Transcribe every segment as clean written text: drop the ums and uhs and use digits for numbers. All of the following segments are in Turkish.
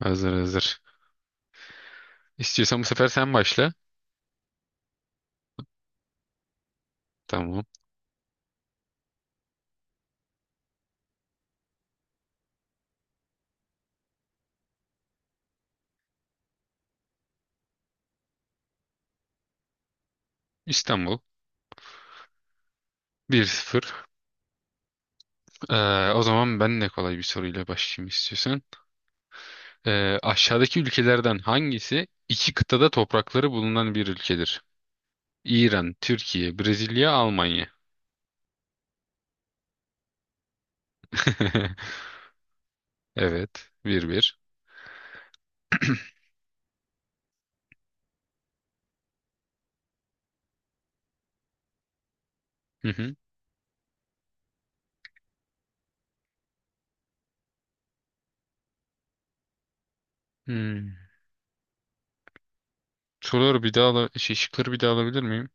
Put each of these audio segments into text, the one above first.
Hazır hazır. İstiyorsan bu sefer sen başla. Tamam. İstanbul. 1-0. O zaman ben de kolay bir soruyla başlayayım istiyorsan. Aşağıdaki ülkelerden hangisi iki kıtada toprakları bulunan bir ülkedir? İran, Türkiye, Brezilya, Almanya. Evet. 1-1. Hı hı. Hmm. Soruları bir daha ala şey, şıkları bir daha alabilir miyim?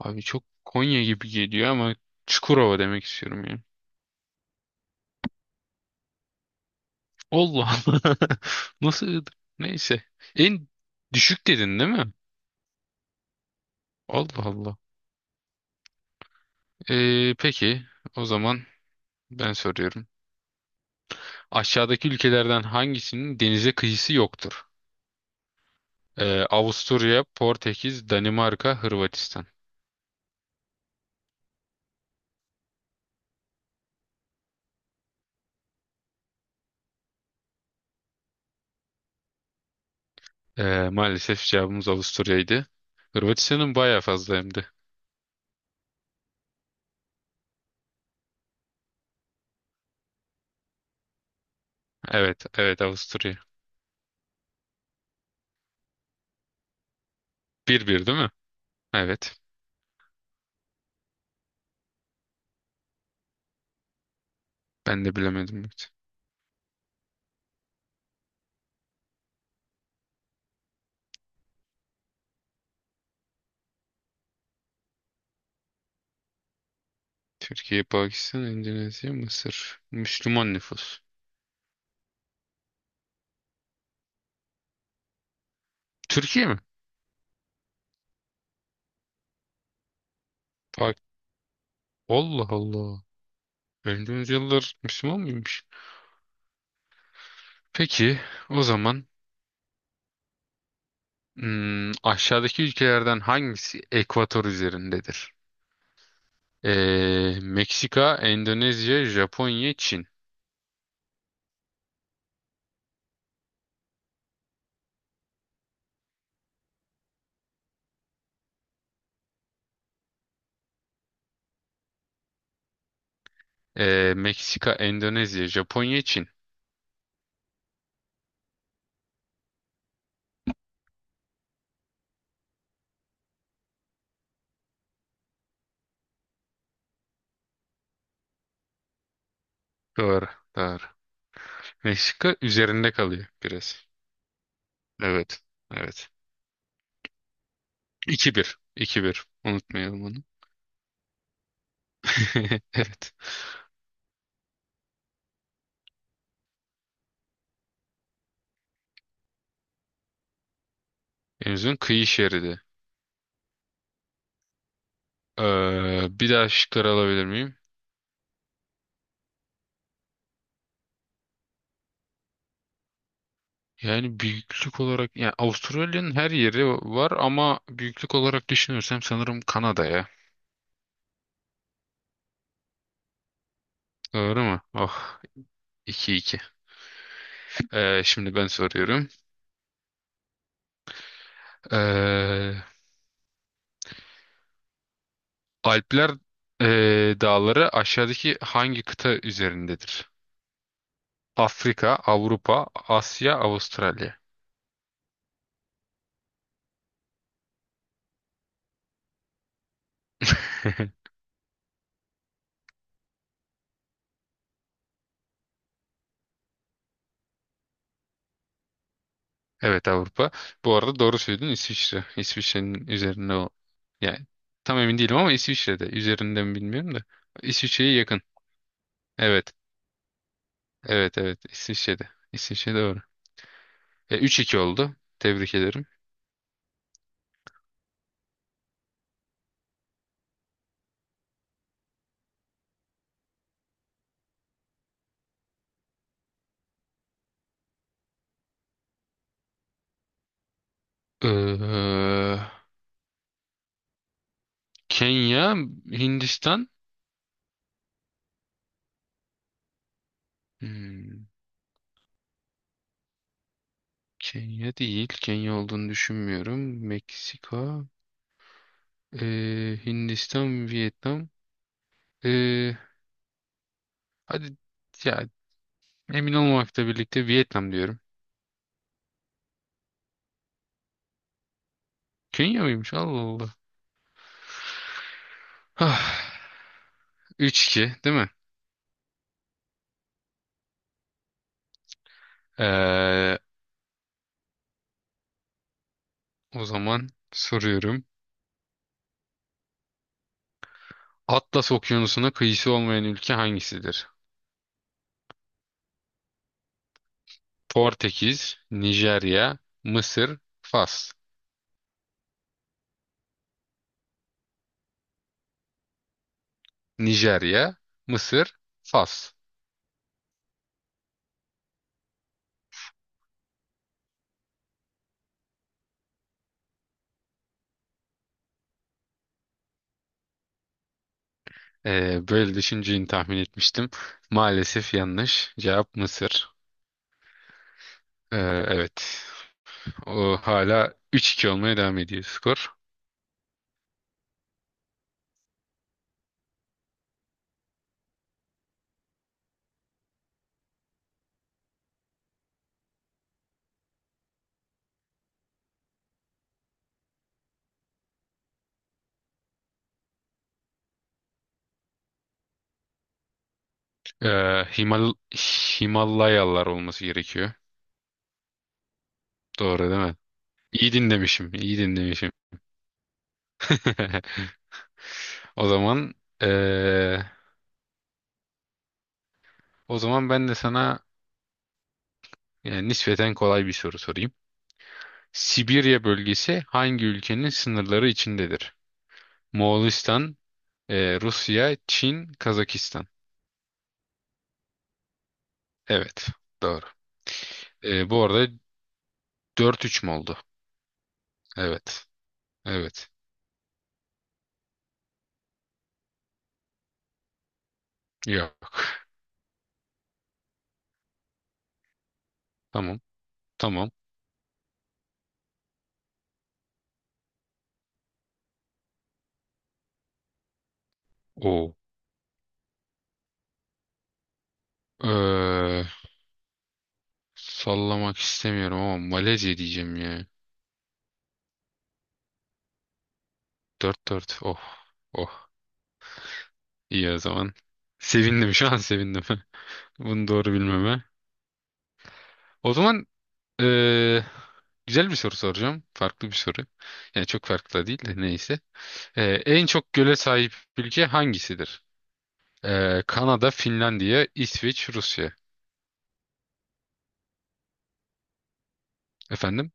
Abi çok Konya gibi geliyor ama Çukurova demek istiyorum ya. Allah Allah. Nasıl ığdı? Neyse. En düşük dedin değil mi? Allah Allah. Peki o zaman ben soruyorum. Aşağıdaki ülkelerden hangisinin denize kıyısı yoktur? Avusturya, Portekiz, Danimarka, Hırvatistan. Maalesef cevabımız Avusturya'ydı. Hırvatistan'ın bayağı fazla hem de. Evet, evet, Avusturya. 1-1 değil mi? Evet. Ben de bilemedim. Evet. Türkiye, Pakistan, Endonezya, Mısır. Müslüman nüfus. Türkiye mi? Allah Allah. 50. yüzyıldır Müslüman mıymış? Peki o zaman, aşağıdaki ülkelerden hangisi ekvator üzerindedir? Meksika, Endonezya, Japonya, Çin. Meksika, Endonezya, Japonya, Çin. Doğru, doğru. Meksika üzerinde kalıyor biraz. Evet, evet. 2 bir, 2-1. Unutmayalım onu. Evet. En uzun kıyı şeridi. Bir daha şıkları alabilir miyim? Yani büyüklük olarak yani Avustralya'nın her yeri var ama büyüklük olarak düşünürsem sanırım Kanada ya. Doğru mu? Oh, 2-2. Şimdi ben soruyorum. Ee, Alpler dağları aşağıdaki hangi kıta üzerindedir? Afrika, Avrupa, Asya, Avustralya. Evet, Avrupa. Bu arada doğru söyledin, İsviçre. İsviçre'nin üzerinde o. Yani tam emin değilim ama İsviçre'de. Üzerinde mi bilmiyorum da. İsviçre'ye yakın. Evet. Evet evet İsviçre'de. İsviçre doğru. 3-2 oldu. Tebrik ederim. Ee, Kenya, Hindistan. Hmm, Kenya değil. Kenya olduğunu düşünmüyorum. Meksika, Hindistan, Vietnam. Ee, hadi ya, emin olmamakla birlikte Vietnam diyorum. Kenya mıymış? Allah Allah. Ah, 3-2 değil mi? Ee, O zaman soruyorum. Atlas Okyanusu'na kıyısı olmayan ülke hangisidir? Portekiz, Nijerya, Mısır, Fas. Nijerya, Mısır, Fas. Böyle düşüneceğini tahmin etmiştim. Maalesef yanlış. Cevap Mısır. Ee, evet. O hala 3-2 olmaya devam ediyor skor. Ee, Himal Himalayalar olması gerekiyor. Doğru değil mi? İyi dinlemişim. İyi dinlemişim. O zaman ee, O zaman ben de sana nispeten kolay bir soru sorayım. Sibirya bölgesi hangi ülkenin sınırları içindedir? Moğolistan, Rusya, Çin, Kazakistan. Evet, doğru. Bu arada 4-3 mü oldu? Evet, evet. Ya, tamam, tamam. O. e, sallamak istemiyorum ama Malezya diyeceğim ya. 4-4. Oh, oh. İyi o zaman. Sevindim, şu an sevindim. Bunu doğru bilmeme. O zaman, Ee, güzel bir soru soracağım. Farklı bir soru. Yani çok farklı da değil de neyse. En çok göle sahip ülke hangisidir? Kanada, Finlandiya, İsveç, Rusya. Efendim?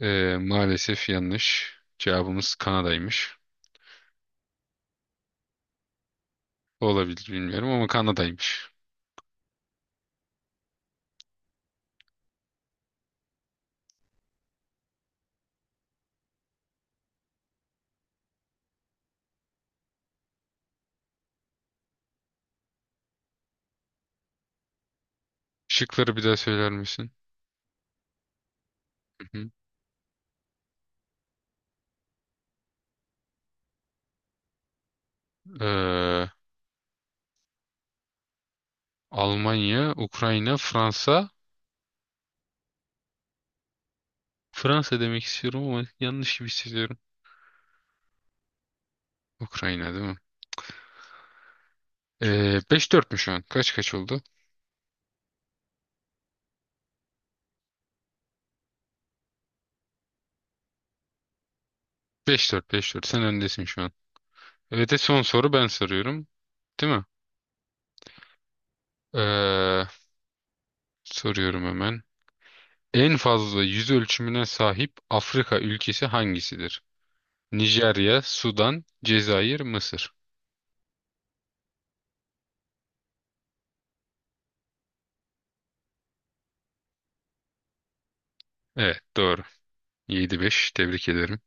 Maalesef yanlış. Cevabımız Kanada'ymış. Olabilir bilmiyorum ama Kanada'ymış. Şıkları bir daha söyler misin? Hı hı. Ee, Almanya, Ukrayna, Fransa. Fransa demek istiyorum ama yanlış gibi hissediyorum. Ukrayna değil mi? Ee, 5-4 mü şu an? Kaç kaç oldu? 5-4, 5-4. Sen öndesin şu an. Evet, son soru ben soruyorum. Değil mi? Ee, soruyorum hemen. En fazla yüz ölçümüne sahip Afrika ülkesi hangisidir? Nijerya, Sudan, Cezayir, Mısır. Evet, doğru. 7-5. Tebrik ederim.